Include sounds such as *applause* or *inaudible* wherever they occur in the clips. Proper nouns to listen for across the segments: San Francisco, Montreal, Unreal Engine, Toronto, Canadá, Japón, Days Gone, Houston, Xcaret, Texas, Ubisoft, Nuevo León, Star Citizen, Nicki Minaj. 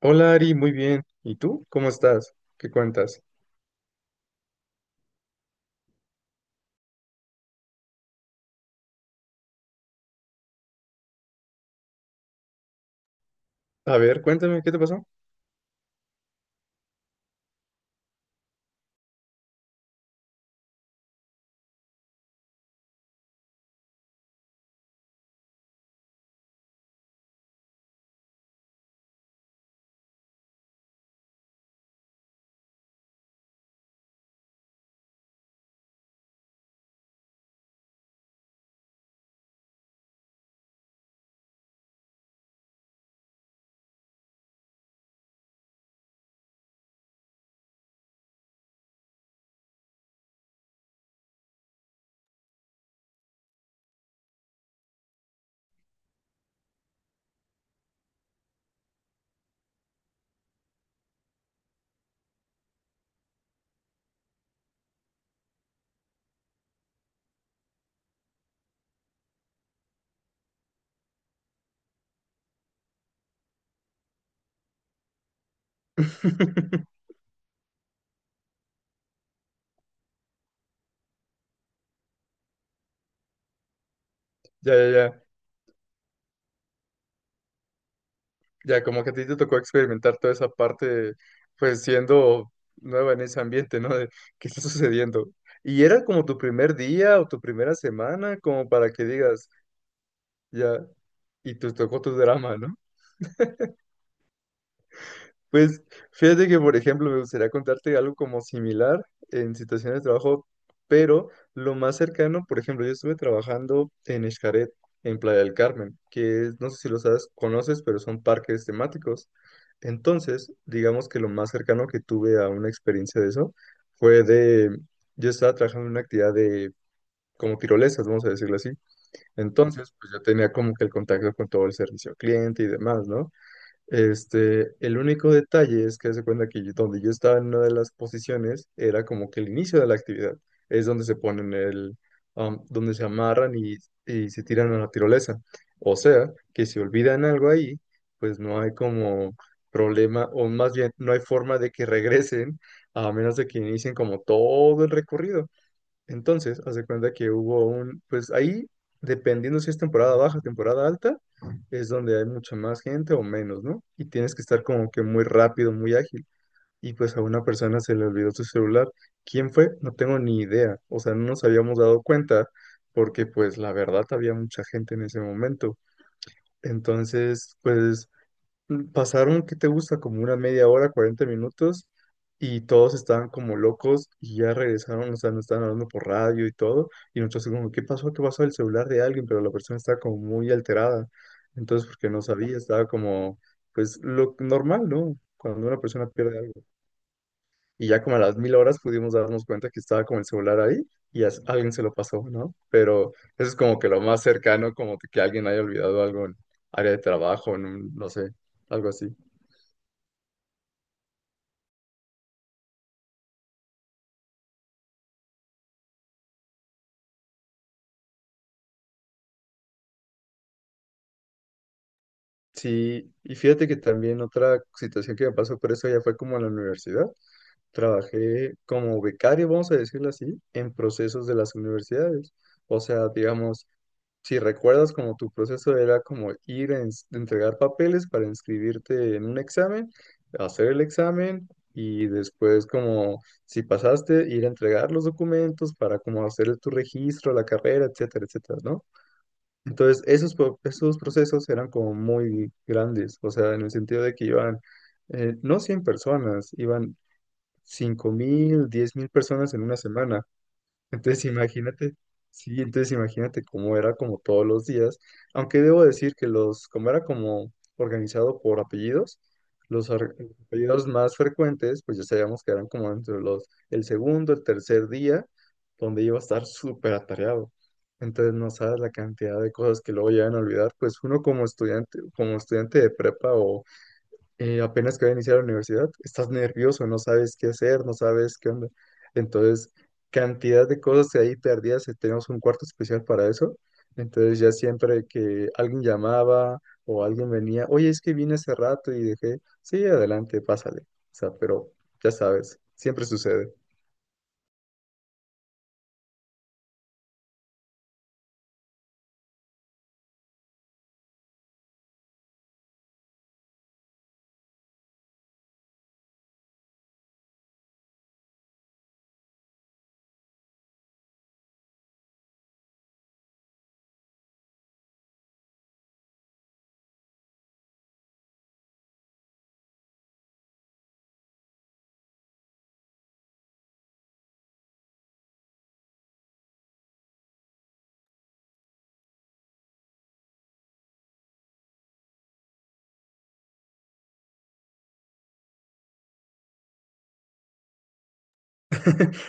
Hola Ari, muy bien. ¿Y tú? ¿Cómo estás? ¿Qué cuentas? A ver, cuéntame, ¿qué te pasó? *laughs* Ya, ya, ya. Ya, como que a ti te tocó experimentar toda esa parte, pues siendo nueva en ese ambiente, ¿no? De qué está sucediendo. ¿Y era como tu primer día o tu primera semana, como para que digas? Ya, y te tocó tu drama, ¿no? Pues fíjate que, por ejemplo, me gustaría contarte algo como similar en situaciones de trabajo, pero lo más cercano, por ejemplo, yo estuve trabajando en Xcaret, en Playa del Carmen, no sé si lo sabes, conoces, pero son parques temáticos. Entonces, digamos que lo más cercano que tuve a una experiencia de eso fue de, yo estaba trabajando en una actividad de como tirolesas, vamos a decirlo así. Entonces, pues yo tenía como que el contacto con todo el servicio al cliente y demás, ¿no? Este, el único detalle es que se cuenta que donde yo estaba en una de las posiciones era como que el inicio de la actividad, es donde se ponen el, donde se amarran y se tiran a la tirolesa. O sea, que si olvidan algo ahí, pues no hay como problema, o más bien no hay forma de que regresen, a menos de que inicien como todo el recorrido. Entonces, haz de cuenta que hubo un, pues ahí, dependiendo si es temporada baja, temporada alta, es donde hay mucha más gente o menos, ¿no? Y tienes que estar como que muy rápido, muy ágil. Y pues a una persona se le olvidó su celular. ¿Quién fue? No tengo ni idea. O sea, no nos habíamos dado cuenta porque pues la verdad había mucha gente en ese momento. Entonces, pues pasaron, ¿qué te gusta? Como una media hora, 40 minutos, y todos estaban como locos y ya regresaron, o sea, nos estaban hablando por radio y todo, y nosotros así como, ¿qué pasó? ¿Qué pasó? El celular de alguien, pero la persona estaba como muy alterada, entonces porque no sabía, estaba como, pues lo normal, ¿no? Cuando una persona pierde algo. Y ya como a las mil horas pudimos darnos cuenta que estaba como el celular ahí y alguien se lo pasó, ¿no? Pero eso es como que lo más cercano, como que alguien haya olvidado algo en área de trabajo, no sé, algo así. Sí, y fíjate que también otra situación que me pasó por eso ya fue como en la universidad. Trabajé como becario, vamos a decirlo así, en procesos de las universidades. O sea, digamos, si recuerdas como tu proceso era como ir a entregar papeles para inscribirte en un examen, hacer el examen y después como si pasaste, ir a entregar los documentos para como hacer tu registro, la carrera, etcétera, etcétera, ¿no? Entonces, esos procesos eran como muy grandes, o sea, en el sentido de que iban, no 100 personas, iban 5.000, 10.000 personas en una semana. Entonces imagínate, sí, entonces imagínate cómo era como todos los días, aunque debo decir que los, como era como organizado por apellidos, los ar- apellidos más frecuentes, pues ya sabíamos que eran como entre los, el segundo, el tercer día, donde iba a estar súper atareado. Entonces no sabes la cantidad de cosas que luego llegan a olvidar, pues uno como estudiante de prepa, apenas que voy a iniciar la universidad, estás nervioso, no sabes qué hacer, no sabes qué onda. Entonces, cantidad de cosas ahí perdidas, tenemos un cuarto especial para eso. Entonces, ya siempre que alguien llamaba o alguien venía, oye, es que vine hace rato y dejé, sí, adelante, pásale. O sea, pero ya sabes, siempre sucede.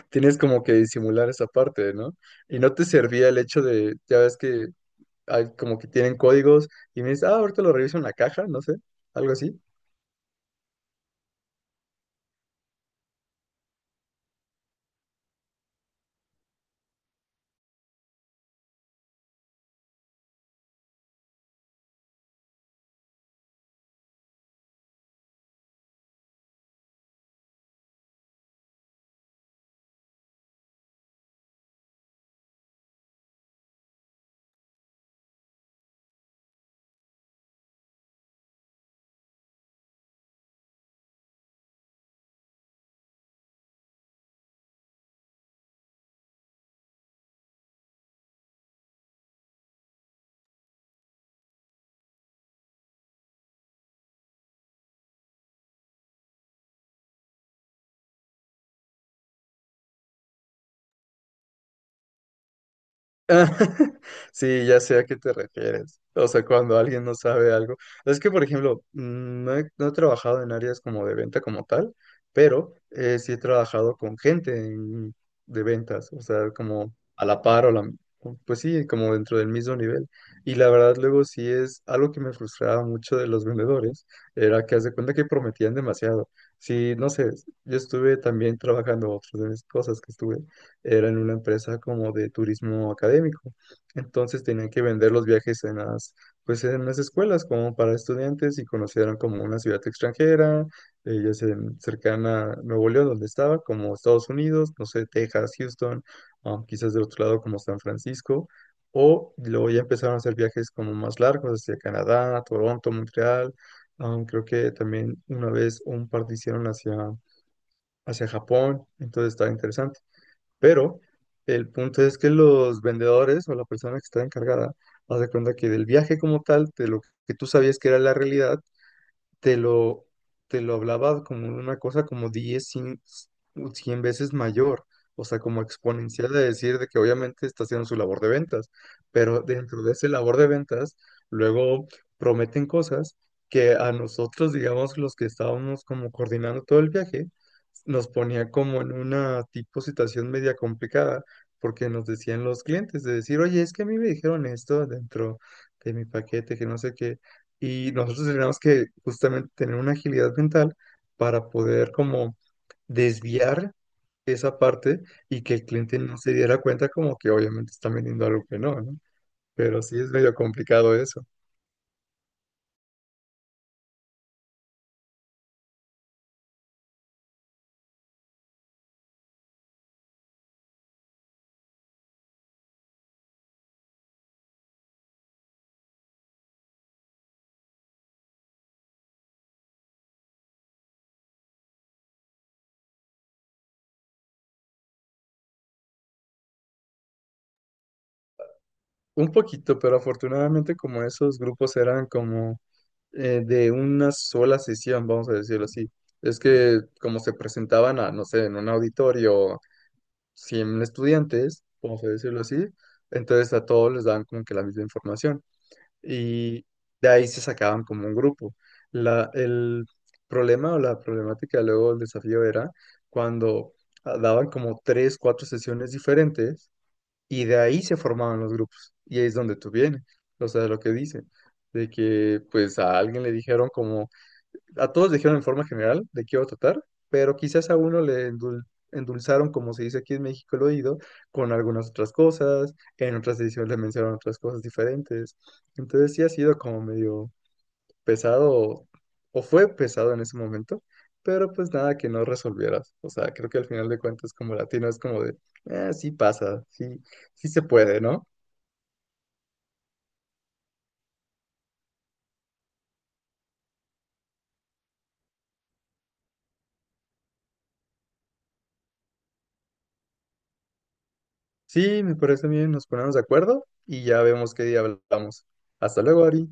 Tienes como que disimular esa parte, ¿no? Y no te servía el hecho de, ya ves que hay como que tienen códigos y me dices, ah, ahorita lo reviso en la caja, no sé, algo así. *laughs* Sí, ya sé a qué te refieres. O sea, cuando alguien no sabe algo. Es que, por ejemplo, no he trabajado en áreas como de venta como tal, pero sí he trabajado con gente de ventas, o sea, como a la par o la. Pues sí, como dentro del mismo nivel. Y la verdad, luego sí es algo que me frustraba mucho de los vendedores, era que haz de cuenta que prometían demasiado. Sí, no sé, yo estuve también trabajando otras de mis cosas que estuve era en una empresa como de turismo académico. Entonces tenían que vender los viajes en las, pues en las escuelas como para estudiantes y conocieron como una ciudad extranjera, ya sea cercana a Nuevo León, donde estaba, como Estados Unidos, no sé, Texas, Houston, ah, quizás del otro lado como San Francisco. O luego ya empezaron a hacer viajes como más largos hacia Canadá, Toronto, Montreal. Ah, creo que también una vez un par de hicieron hacia, hacia Japón, entonces estaba interesante. Pero el punto es que los vendedores o la persona que está encargada, haz de cuenta que del viaje como tal, de lo que tú sabías que era la realidad, te lo, te lo hablaba como una cosa como 10 100 100 veces mayor, o sea, como exponencial de decir de que obviamente está haciendo su labor de ventas, pero dentro de esa labor de ventas, luego prometen cosas que a nosotros, digamos, los que estábamos como coordinando todo el viaje, nos ponía como en una tipo situación media complicada, porque nos decían los clientes de decir, oye, es que a mí me dijeron esto dentro de mi paquete, que no sé qué, y nosotros tenemos que justamente tener una agilidad mental para poder como desviar esa parte y que el cliente no se diera cuenta como que obviamente están vendiendo algo que no, ¿no? Pero sí es medio complicado eso. Un poquito, pero afortunadamente como esos grupos eran como de una sola sesión, vamos a decirlo así, es que como se presentaban a, no sé, en un auditorio, 100 estudiantes, vamos a decirlo así, entonces a todos les daban como que la misma información. Y de ahí se sacaban como un grupo. La, el problema o la problemática luego del desafío era cuando daban como tres, cuatro sesiones diferentes y de ahí se formaban los grupos. Y ahí es donde tú vienes, o sea, lo que dicen, de que pues a alguien le dijeron como, a todos dijeron en forma general de qué iba a tratar, pero quizás a uno le endulzaron, como se dice aquí en México, el oído, con algunas otras cosas, en otras ediciones le mencionaron otras cosas diferentes. Entonces sí ha sido como medio pesado, o fue pesado en ese momento, pero pues nada que no resolvieras. O sea, creo que al final de cuentas como latino es como de, "Ah, sí pasa, sí, sí se puede", ¿no? Sí, me parece bien, nos ponemos de acuerdo y ya vemos qué día hablamos. Hasta luego, Ari.